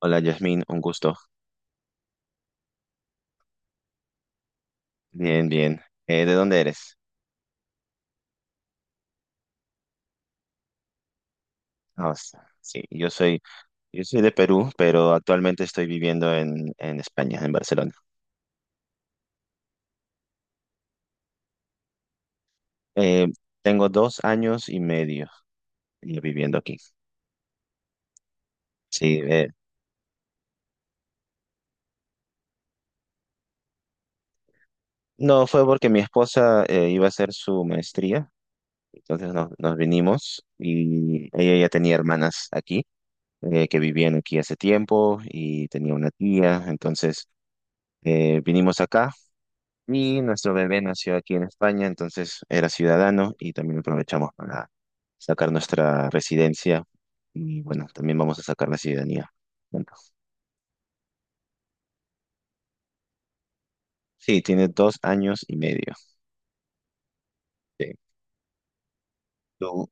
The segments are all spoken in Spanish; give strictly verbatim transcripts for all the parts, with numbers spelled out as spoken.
Hola, Yasmin, un gusto. Bien, bien. Eh, ¿de dónde eres? Ah, s- sí, yo soy, yo soy de Perú, pero actualmente estoy viviendo en, en España, en Barcelona. Eh, Tengo dos años y medio ya viviendo aquí. Sí, eh, no, fue porque mi esposa eh, iba a hacer su maestría, entonces nos, nos vinimos y ella ya tenía hermanas aquí, eh, que vivían aquí hace tiempo y tenía una tía, entonces eh, vinimos acá. Y nuestro bebé nació aquí en España, entonces era ciudadano y también aprovechamos para sacar nuestra residencia y bueno, también vamos a sacar la ciudadanía. juntos. Sí, tiene dos años y medio. Sí. ¿Tú,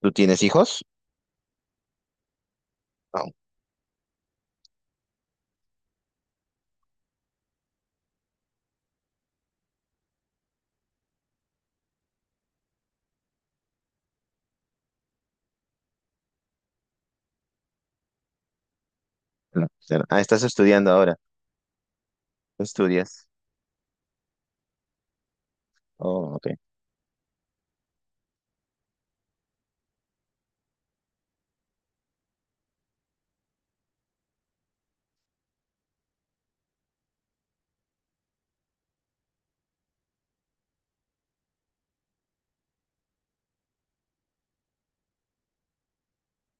tú tienes hijos? No, no, cero. Ah, estás estudiando ahora. ¿Tú estudias? Oh, ok,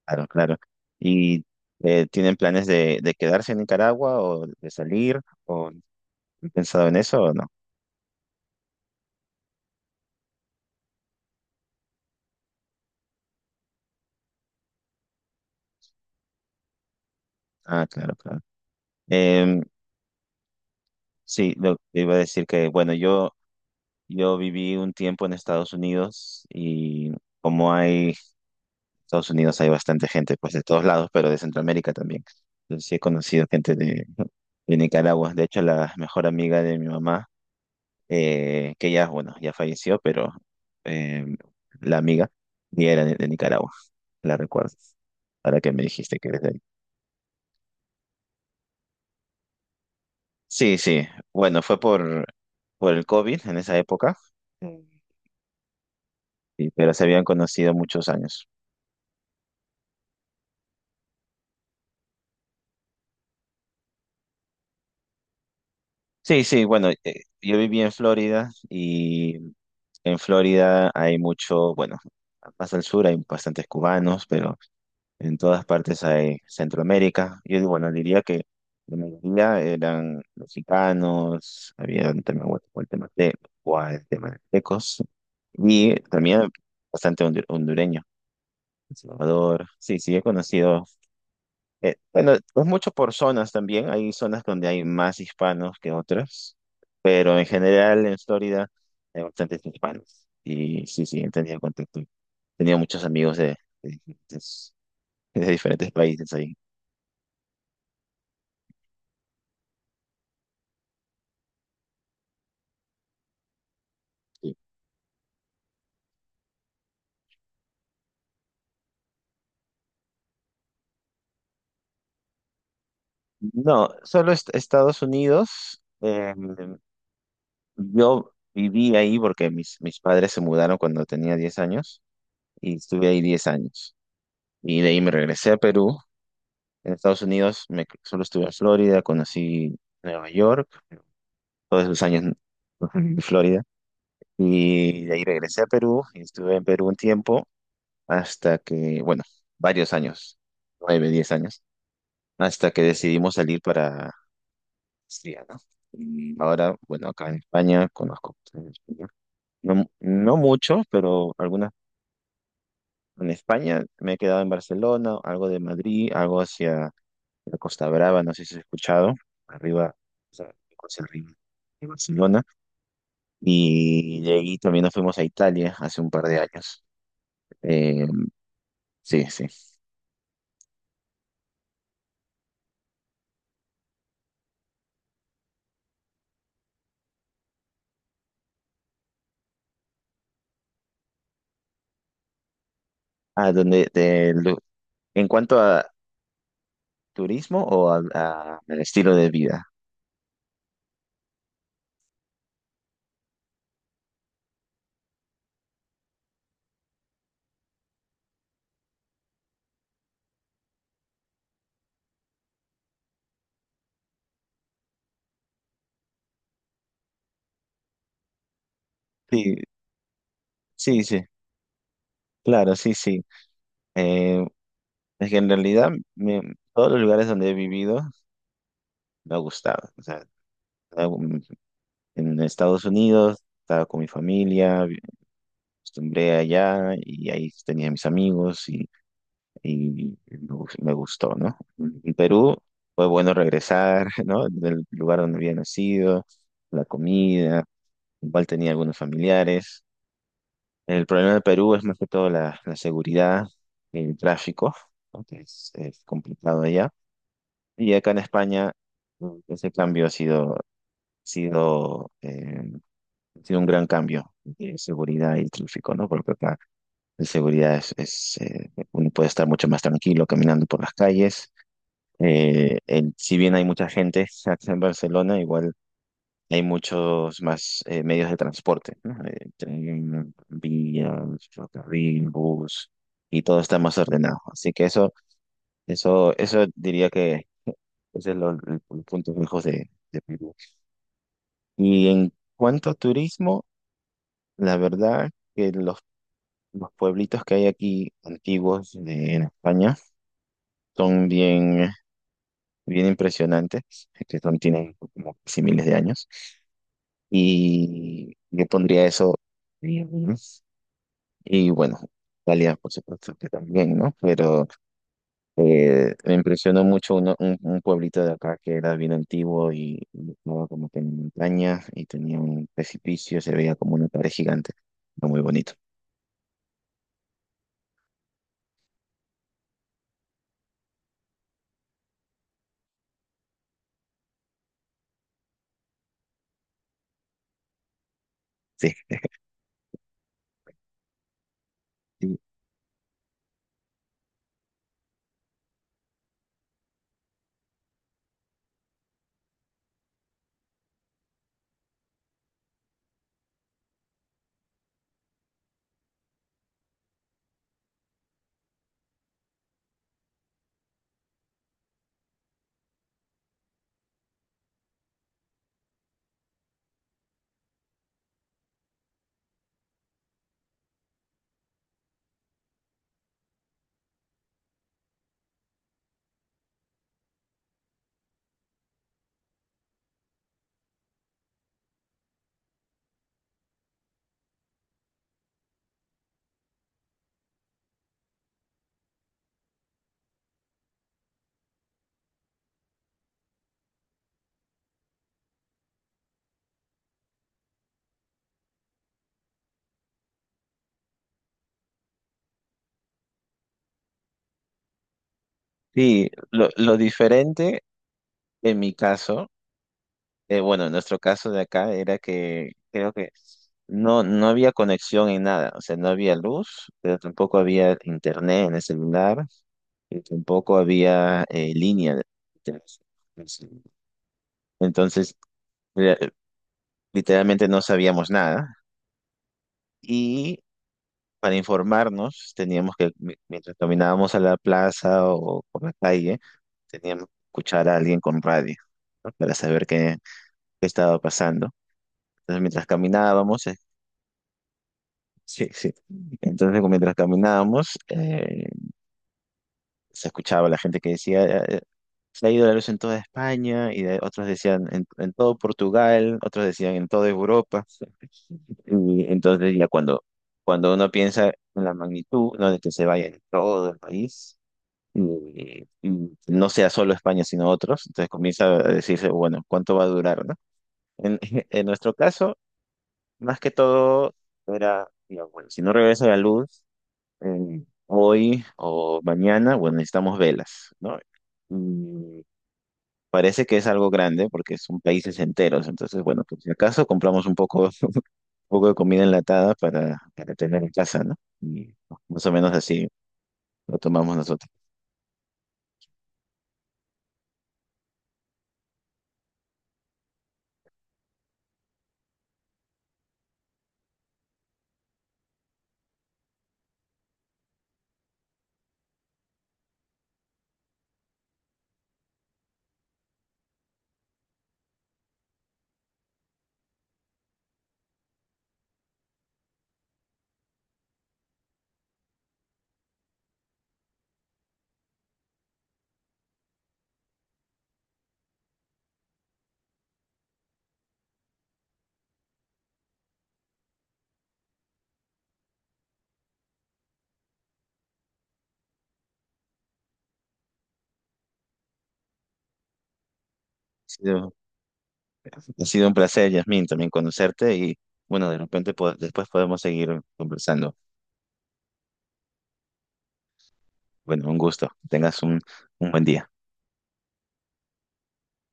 claro, claro. ¿Y eh, tienen planes de, de quedarse en Nicaragua o de salir? ¿O han pensado en eso o no? Ah, claro, claro. Em, sí, lo, iba a decir que, bueno, yo Yo viví un tiempo en Estados Unidos y como hay, Estados Unidos hay bastante gente, pues de todos lados, pero de Centroamérica también. Entonces sí he conocido gente de, de Nicaragua. De hecho, la mejor amiga de mi mamá, eh, que ya, bueno, ya falleció, pero eh, la amiga, y era de, de Nicaragua, la recuerdo. Ahora que me dijiste que eres de ahí. Sí, sí. Bueno, fue por, por, el COVID en esa época. Mm. Sí, pero se habían conocido muchos años. Sí, sí, bueno, eh, yo viví en Florida y en Florida hay mucho, bueno, más al sur hay bastantes cubanos, pero en todas partes hay Centroamérica. Yo, bueno, diría que la mayoría eran mexicanos, había un tema guate- guatemalteco, guatemaltecos y también bastante hondu- hondureño, El Salvador. Sí, sí, he conocido eh, bueno, es mucho por zonas también. Hay zonas donde hay más hispanos que otras, pero en general en Florida hay bastantes hispanos. Y sí, sí, he tenido contacto. Tenía muchos amigos de, de diferentes, de diferentes países ahí. Sí. No, solo est- Estados Unidos. Eh, yo viví ahí porque mis, mis padres se mudaron cuando tenía diez años y estuve ahí diez años. Y de ahí me regresé a Perú. En Estados Unidos me, solo estuve en Florida, conocí Nueva York, todos esos años en Florida, y de ahí regresé a Perú y estuve en Perú un tiempo hasta que, bueno, varios años, nueve, diez años, hasta que decidimos salir para Austria, ¿no? Y ahora, bueno, acá en España conozco bastante español. No, no mucho, pero algunas. En España me he quedado en Barcelona, algo de Madrid, algo hacia la Costa Brava, no sé si has escuchado, arriba, o sea, Costa arriba de Barcelona. Y de ahí también nos fuimos a Italia hace un par de años. Eh, sí, sí. Ah, donde, de lu- en cuanto a turismo o a, a el estilo de vida. Sí, sí, sí. Claro, sí, sí. Eh, es que en realidad me- todos los lugares donde he vivido me ha gustado. O sea, en en Estados Unidos estaba con mi familia, vi- acostumbré allá y ahí tenía mis amigos y y uf, me gustó, ¿no? En Perú fue bueno regresar, ¿no? Del lugar donde había nacido, la comida, igual tenía algunos familiares. El problema de Perú es más que todo la, la seguridad, el tráfico, ¿no? Que es, es complicado allá. Y acá en España mm, ese cambio ha sido, ha sido, eh, ha sido un gran cambio de seguridad y tráfico, ¿no? Porque acá la seguridad es, es, eh, uno puede estar mucho más tranquilo caminando por las calles. Eh, el- si bien hay mucha gente acá en Barcelona, igual hay muchos más eh, medios de transporte, ¿no? Eh, tren, vías, ferrocarril, bus, y todo está más ordenado. Así que eso, eso, eso diría que ese es lo- el, el punto fijo de, de Perú. Y en cuanto a turismo, la verdad que los, los pueblitos que hay aquí antiguos de- en España son bien, bien impresionantes, que son, tienen como casi miles de años. Y yo pondría eso. Y, y bueno, Italia, por supuesto que también, ¿no? Pero eh, me impresionó mucho uno- un, un pueblito de acá que era bien antiguo y, y estaba como que en montaña y tenía un precipicio, se veía como una pared gigante. Era muy bonito. Sí, sí, sí, lo, lo diferente en mi caso. Eh, bueno, en nuestro caso de acá era que creo que no, no había conexión en nada, o sea, no había luz, pero tampoco había internet en el celular y tampoco había eh, línea de internet. Entonces, eh, literalmente no sabíamos nada y para informarnos teníamos que, mi- mientras caminábamos a la plaza o por la calle, teníamos que escuchar a alguien con radio, ¿no? Para saber qué, qué, estaba pasando. Entonces, mientras caminábamos. Sí, sí. Entonces, como mientras caminábamos, eh, se escuchaba la gente que decía, eh, se ha ido la luz en toda España, y de- otros decían en, en todo Portugal, otros decían en toda Europa. Y entonces, ya cuando, cuando uno piensa en la magnitud, no de que se vaya en todo el país, y, y no sea solo España, sino otros, entonces comienza a decirse, bueno, ¿cuánto va a durar, no? En, en nuestro caso, más que todo, era, digamos, bueno, si no regresa la luz, eh, hoy o mañana, bueno, necesitamos velas, ¿no? Y parece que es algo grande porque son países enteros, entonces, bueno, pues si acaso compramos un poco, un poco de comida enlatada para, para tener en casa, ¿no? Y más o menos así lo tomamos nosotros. Ha sido, ha sido un placer, Yasmín, también conocerte y, bueno, de repente po- después podemos seguir conversando. Bueno, un gusto. Tengas un, un, buen día.